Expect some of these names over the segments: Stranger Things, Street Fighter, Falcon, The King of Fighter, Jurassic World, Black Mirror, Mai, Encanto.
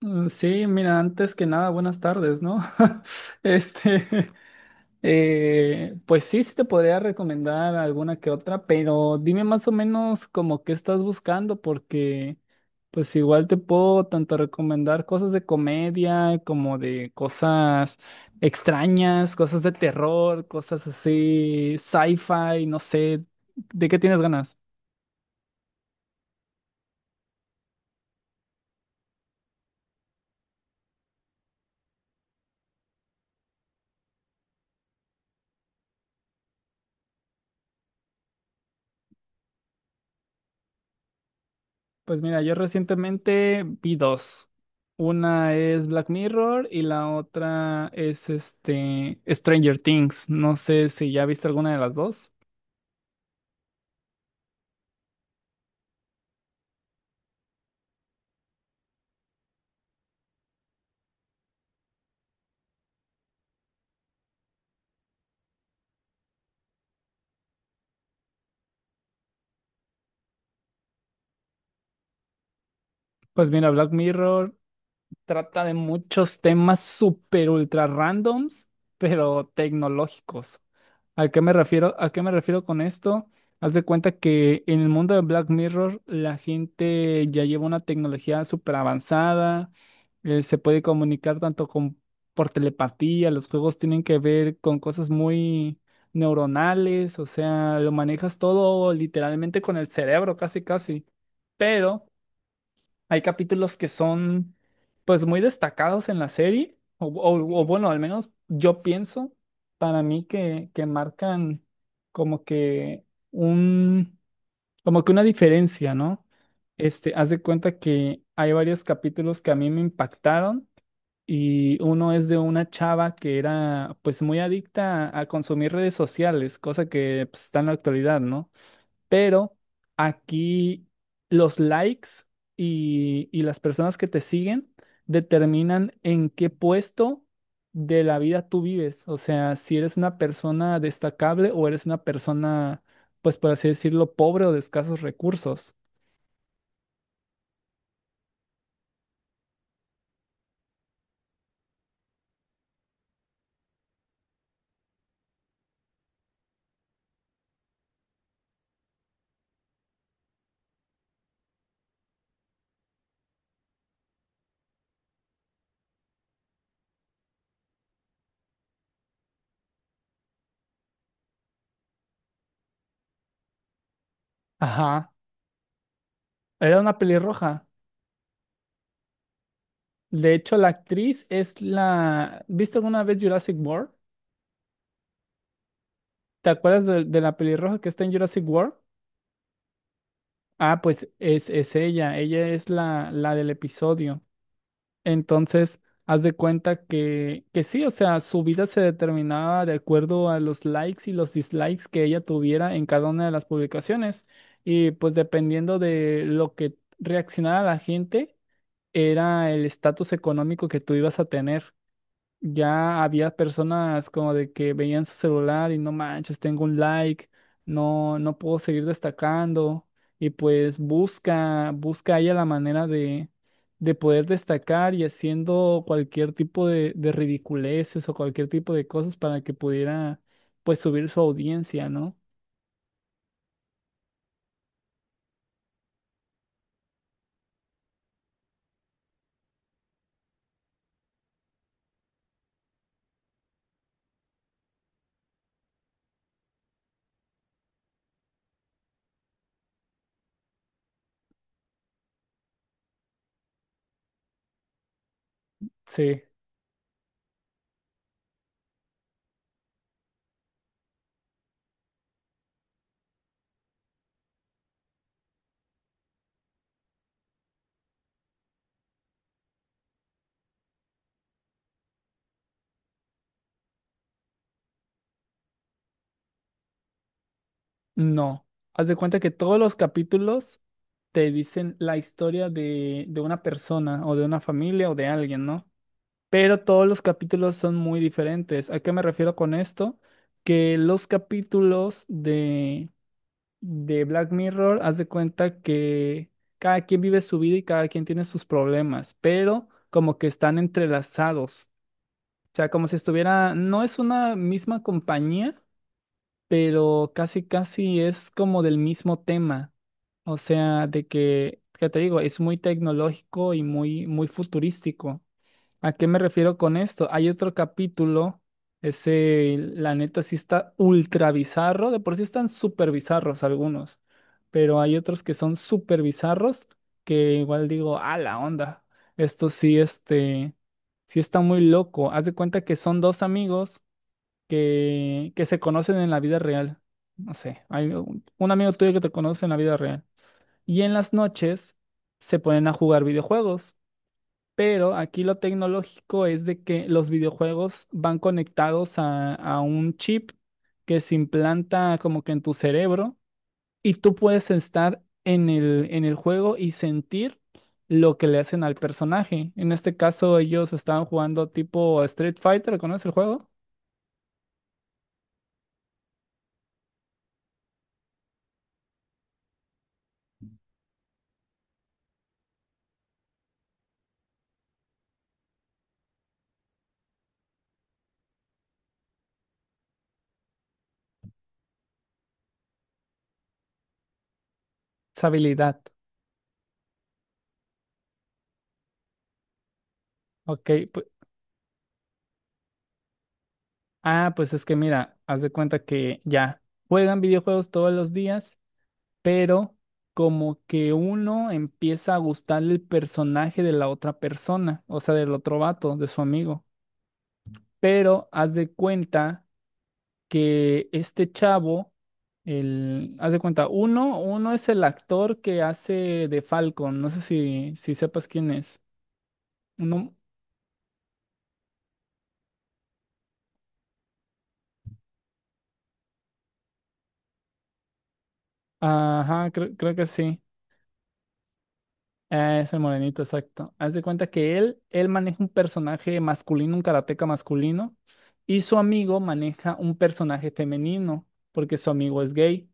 Sí, mira, antes que nada, buenas tardes, ¿no? Este, pues sí te podría recomendar alguna que otra, pero dime más o menos como qué estás buscando, porque pues igual te puedo tanto recomendar cosas de comedia como de cosas extrañas, cosas de terror, cosas así, sci-fi, no sé, ¿de qué tienes ganas? Pues mira, yo recientemente vi dos. Una es Black Mirror y la otra es este Stranger Things. No sé si ya viste alguna de las dos. Pues mira, Black Mirror trata de muchos temas súper ultra randoms, pero tecnológicos. ¿A qué me refiero? ¿A qué me refiero con esto? Haz de cuenta que en el mundo de Black Mirror la gente ya lleva una tecnología súper avanzada, se puede comunicar por telepatía, los juegos tienen que ver con cosas muy neuronales, o sea, lo manejas todo literalmente con el cerebro, casi, casi. Pero hay capítulos que son pues muy destacados en la serie, bueno, al menos yo pienso para mí que marcan como que un, como que una diferencia, ¿no? Este, haz de cuenta que hay varios capítulos que a mí me impactaron y uno es de una chava que era pues muy adicta a consumir redes sociales, cosa que pues, está en la actualidad, ¿no? Pero aquí los likes y las personas que te siguen determinan en qué puesto de la vida tú vives. O sea, si eres una persona destacable o eres una persona, pues por así decirlo, pobre o de escasos recursos. Ajá. Era una pelirroja. De hecho, la actriz es la... ¿Viste alguna vez Jurassic World? ¿Te acuerdas de la pelirroja que está en Jurassic World? Ah, pues es ella. Ella es la del episodio. Entonces, haz de cuenta que sí, o sea, su vida se determinaba de acuerdo a los likes y los dislikes que ella tuviera en cada una de las publicaciones. Y pues dependiendo de lo que reaccionara la gente, era el estatus económico que tú ibas a tener ya había personas como de que veían su celular y no manches, tengo un like, no puedo seguir destacando. Y pues busca ella la manera de poder destacar y haciendo cualquier tipo de ridiculeces o cualquier tipo de cosas para que pudiera pues subir su audiencia, ¿no? Sí, no. Haz de cuenta que todos los capítulos te dicen la historia de una persona o de una familia o de alguien, ¿no? Pero todos los capítulos son muy diferentes. ¿A qué me refiero con esto? Que los capítulos de Black Mirror, haz de cuenta que cada quien vive su vida y cada quien tiene sus problemas, pero como que están entrelazados. O sea, como si estuviera, no es una misma compañía, pero casi casi es como del mismo tema. O sea, de que, ¿qué te digo? Es muy tecnológico y muy, muy futurístico. ¿A qué me refiero con esto? Hay otro capítulo, ese, la neta sí está ultra bizarro, de por sí están súper bizarros algunos, pero hay otros que son súper bizarros que igual digo, a la onda, esto sí, sí está muy loco. Haz de cuenta que son dos amigos que se conocen en la vida real. No sé, hay un amigo tuyo que te conoce en la vida real. Y en las noches se ponen a jugar videojuegos pero aquí lo tecnológico es de que los videojuegos van conectados a un chip que se implanta como que en tu cerebro y tú puedes estar en el juego y sentir lo que le hacen al personaje. En este caso ellos estaban jugando tipo Street Fighter, ¿conoces el juego? Esa habilidad. Ok, ah, pues es que mira, haz de cuenta que ya juegan videojuegos todos los días pero como que uno empieza a gustarle el personaje de la otra persona, o sea, del otro vato, de su amigo. Pero haz de cuenta que este chavo, el, haz de cuenta, uno, uno es el actor que hace de Falcon, no sé si sepas quién es. Uno, ajá, creo que sí. Ah, es el morenito, exacto. Haz de cuenta que él maneja un personaje masculino, un karateca masculino, y su amigo maneja un personaje femenino, porque su amigo es gay.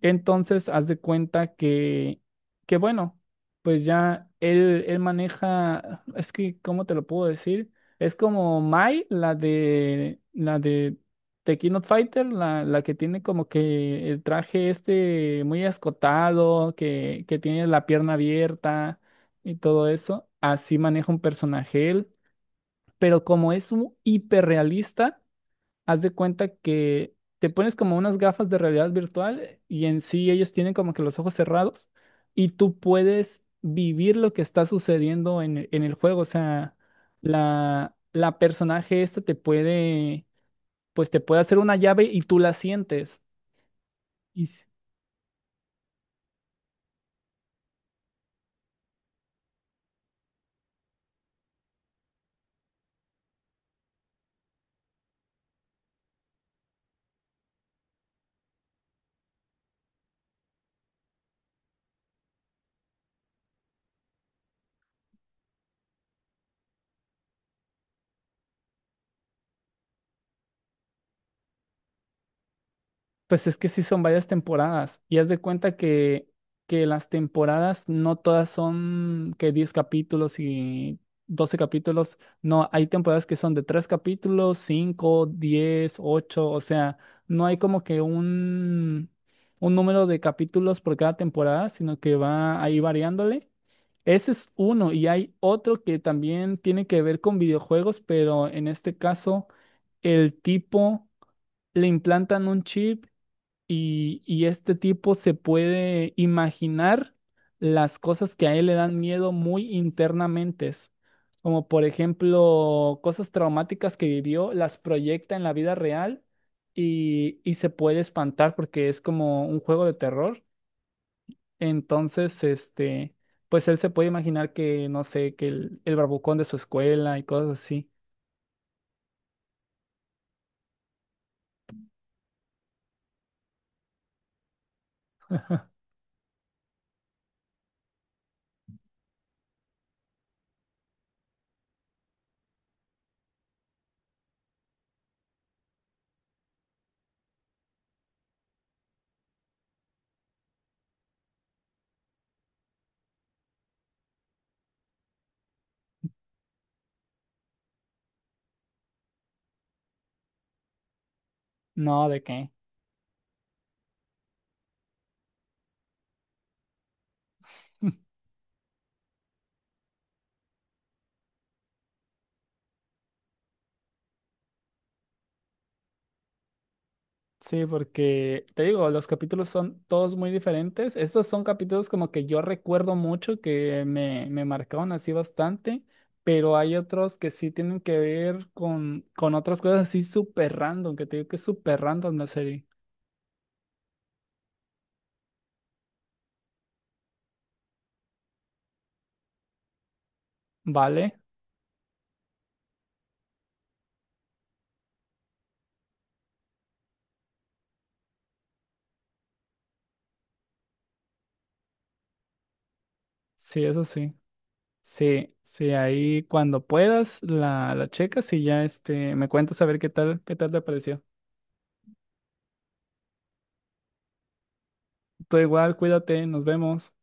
Entonces, haz de cuenta que bueno, pues ya él maneja, es que, ¿cómo te lo puedo decir? Es como Mai, la de The King of Fighter, la que tiene como que el traje este muy escotado, que tiene la pierna abierta y todo eso. Así maneja un personaje él, pero como es un hiperrealista haz de cuenta que te pones como unas gafas de realidad virtual y en sí ellos tienen como que los ojos cerrados y tú puedes vivir lo que está sucediendo en el juego. O sea, la personaje esta te puede, pues te puede hacer una llave y tú la sientes. Y s- Pues es que sí son varias temporadas y haz de cuenta que las temporadas no todas son que 10 capítulos y 12 capítulos, no, hay temporadas que son de 3 capítulos, 5 10 8 o sea, no hay como que un número de capítulos por cada temporada, sino que va ahí variándole. Ese es uno y hay otro que también tiene que ver con videojuegos, pero en este caso el tipo le implantan un chip y este tipo se puede imaginar las cosas que a él le dan miedo muy internamente, como por ejemplo cosas traumáticas que vivió, las proyecta en la vida real y se puede espantar porque es como un juego de terror. Entonces, este, pues él se puede imaginar que, no sé, que el barbucón de su escuela y cosas así. No, ¿de qué? Sí, porque te digo, los capítulos son todos muy diferentes. Estos son capítulos como que yo recuerdo mucho, que me marcaron así bastante, pero hay otros que sí tienen que ver con otras cosas así súper random, que te digo que es súper random la serie. ¿Vale? Sí, eso sí. Sí, sí, ahí cuando puedas la checas y ya este, me cuentas a ver qué tal te pareció. Tú igual, cuídate, nos vemos.